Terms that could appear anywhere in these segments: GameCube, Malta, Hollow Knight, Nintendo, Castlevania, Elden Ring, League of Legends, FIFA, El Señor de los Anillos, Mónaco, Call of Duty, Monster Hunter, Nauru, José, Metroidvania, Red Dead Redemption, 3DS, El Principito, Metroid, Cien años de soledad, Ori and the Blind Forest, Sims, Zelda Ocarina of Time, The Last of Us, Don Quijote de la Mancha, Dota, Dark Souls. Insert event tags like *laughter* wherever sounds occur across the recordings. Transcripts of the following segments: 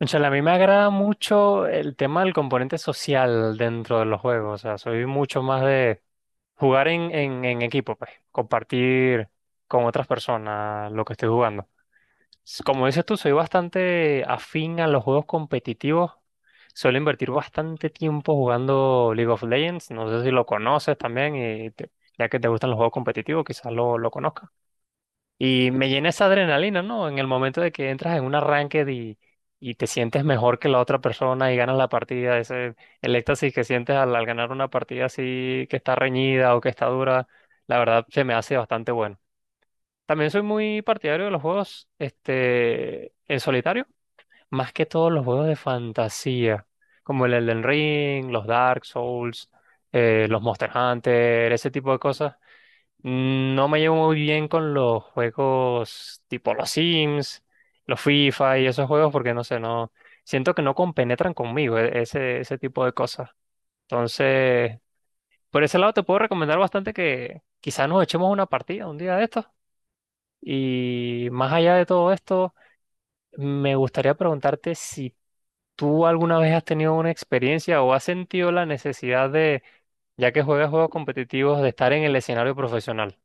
O sea, a mí me agrada mucho el tema del componente social dentro de los juegos. O sea, soy mucho más de jugar en equipo, pues, compartir con otras personas lo que estoy jugando. Como dices tú, soy bastante afín a los juegos competitivos. Suelo invertir bastante tiempo jugando League of Legends. No sé si lo conoces también, ya que te gustan los juegos competitivos, quizás lo conozcas. Y me llena esa adrenalina, ¿no? En el momento de que entras en un arranque y te sientes mejor que la otra persona y ganas la partida, ese, el éxtasis que sientes al ganar una partida así que está reñida o que está dura, la verdad se me hace bastante bueno. También soy muy partidario de los juegos en solitario, más que todos los juegos de fantasía, como el Elden Ring, los Dark Souls, los Monster Hunter, ese tipo de cosas. No me llevo muy bien con los juegos tipo los Sims, los FIFA y esos juegos porque no sé, no siento que no compenetran conmigo ese, ese tipo de cosas. Entonces, por ese lado te puedo recomendar bastante que quizás nos echemos una partida un día de estos. Y más allá de todo esto, me gustaría preguntarte si tú alguna vez has tenido una experiencia o has sentido la necesidad de, ya que juegas juegos competitivos, de estar en el escenario profesional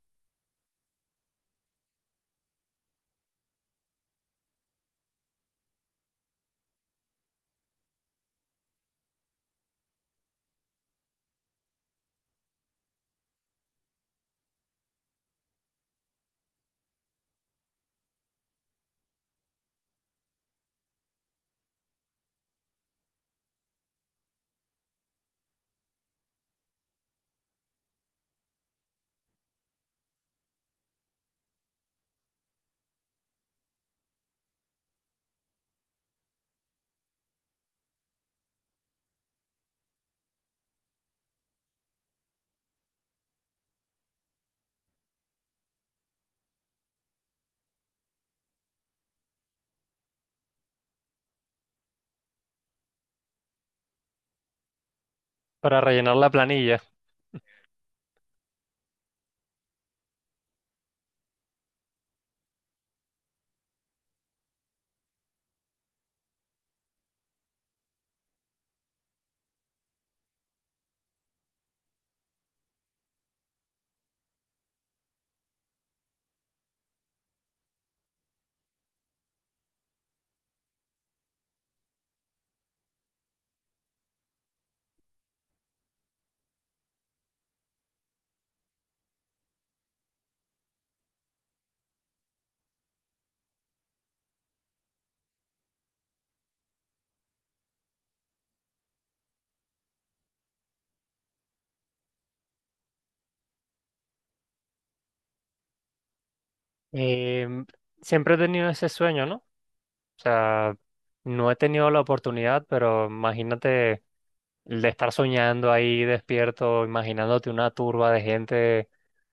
para rellenar la planilla. Em, Siempre he tenido ese sueño, ¿no? O sea, no he tenido la oportunidad, pero imagínate el de estar soñando ahí despierto, imaginándote una turba de gente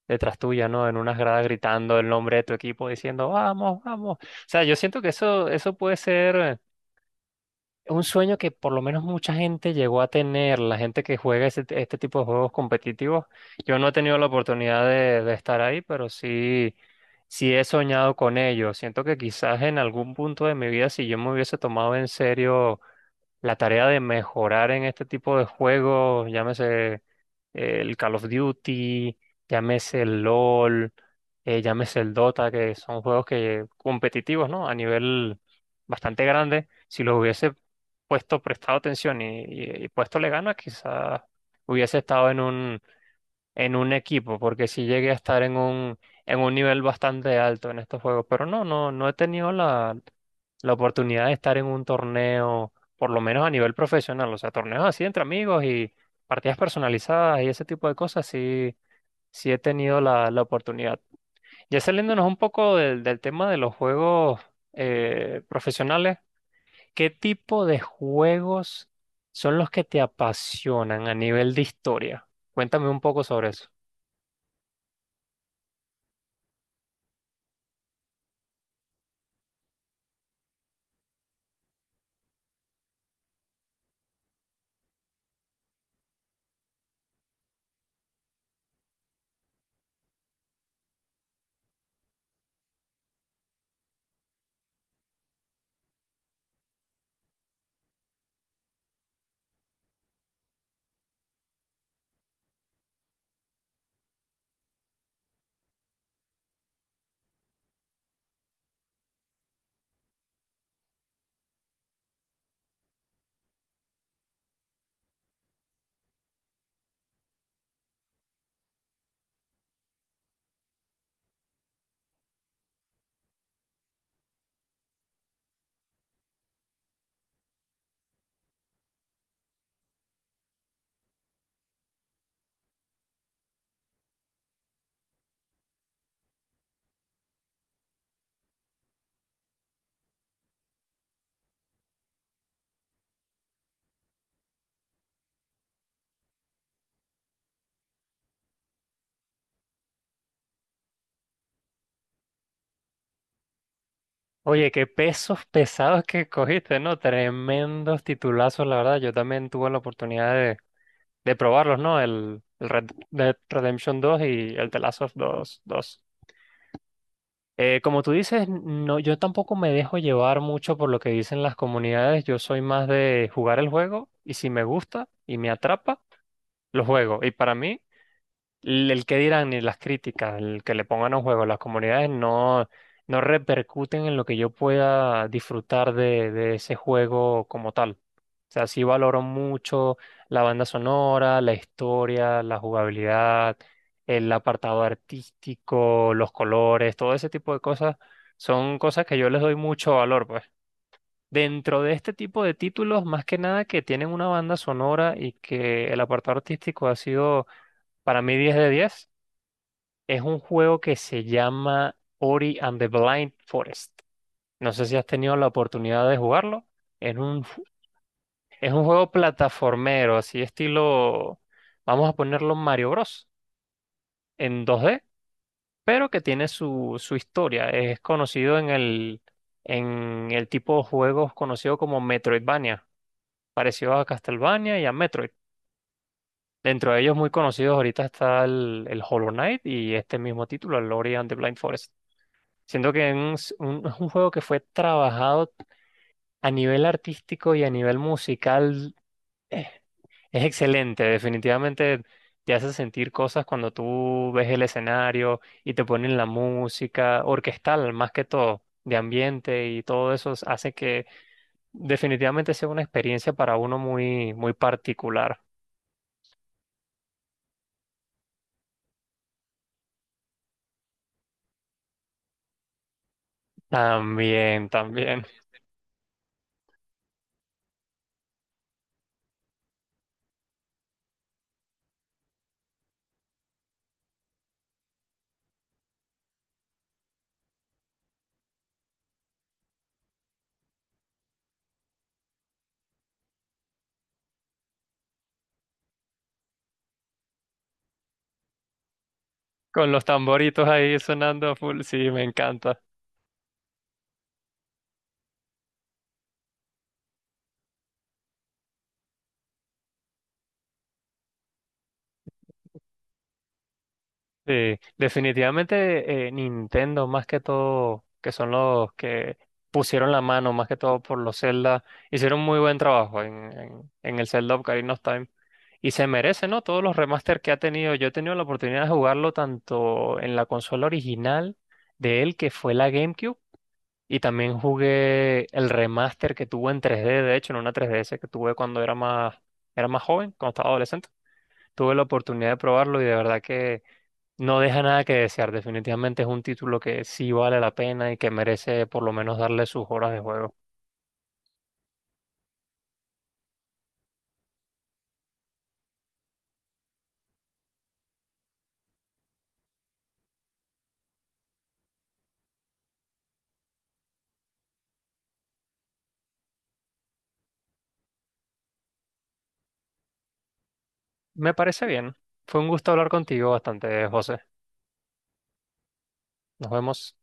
detrás tuya, ¿no? En unas gradas gritando el nombre de tu equipo, diciendo, vamos, vamos. O sea, yo siento que eso puede ser un sueño que por lo menos mucha gente llegó a tener, la gente que juega este tipo de juegos competitivos. Yo no he tenido la oportunidad de estar ahí, pero sí, sí he soñado con ello. Siento que quizás en algún punto de mi vida, si yo me hubiese tomado en serio la tarea de mejorar en este tipo de juegos, llámese el Call of Duty, llámese el LOL, llámese el Dota, que son juegos que competitivos, ¿no? A nivel bastante grande, si lo hubiese puesto prestado atención y puesto le ganas, quizás hubiese estado en un equipo, porque sí llegué a estar en un nivel bastante alto en estos juegos, pero no he tenido la, la oportunidad de estar en un torneo, por lo menos a nivel profesional, o sea, torneos así entre amigos y partidas personalizadas y ese tipo de cosas, sí, sí he tenido la, la oportunidad. Ya saliéndonos un poco del, del tema de los juegos profesionales. ¿Qué tipo de juegos son los que te apasionan a nivel de historia? Cuéntame un poco sobre eso. Oye, qué pesos pesados que cogiste, ¿no? Tremendos titulazos, la verdad. Yo también tuve la oportunidad de probarlos, ¿no? El Red Dead Redemption 2 y el The Last of Us 2. Como tú dices, no, yo tampoco me dejo llevar mucho por lo que dicen las comunidades. Yo soy más de jugar el juego y si me gusta y me atrapa, lo juego. Y para mí... el que dirán ni las críticas, el que le pongan a juego, las comunidades no, no repercuten en lo que yo pueda disfrutar de ese juego como tal. O sea, sí valoro mucho la banda sonora, la historia, la jugabilidad, el apartado artístico, los colores, todo ese tipo de cosas son cosas que yo les doy mucho valor, pues. Dentro de este tipo de títulos, más que nada que tienen una banda sonora y que el apartado artístico ha sido para mí 10 de 10. Es un juego que se llama Ori and the Blind Forest. No sé si has tenido la oportunidad de jugarlo. Es un, ju- es un juego plataformero, así estilo, vamos a ponerlo Mario Bros. En 2D, pero que tiene su, su historia. Es conocido en el tipo de juegos conocido como Metroidvania, parecido a Castlevania y a Metroid. Dentro de ellos muy conocidos ahorita está el Hollow Knight y este mismo título, el Ori and the Blind Forest. Siento que es *laughs* es un juego que fue trabajado a nivel artístico y a nivel musical. eh, Es excelente, definitivamente te hace sentir cosas cuando tú ves el escenario y te ponen la música orquestal, más que todo, de ambiente y todo eso hace que definitivamente sea una experiencia para uno muy, muy particular. También, también. *laughs* Con los tamboritos ahí sonando a full, sí, me encanta. Sí, definitivamente Nintendo, más que todo, que son los que pusieron la mano, más que todo por los Zelda, hicieron muy buen trabajo en el Zelda Ocarina of Time. Y se merece, ¿no? Todos los remaster que ha tenido. Yo he tenido la oportunidad de jugarlo tanto en la consola original de él, que fue la GameCube, y también jugué el remaster que tuvo en 3D, de hecho, en una 3DS que tuve cuando era más joven, cuando estaba adolescente. Tuve la oportunidad de probarlo y de verdad que no deja nada que desear, definitivamente es un título que sí vale la pena y que merece por lo menos darle sus horas de juego. Me parece bien. Fue un gusto hablar contigo bastante, José. Nos vemos.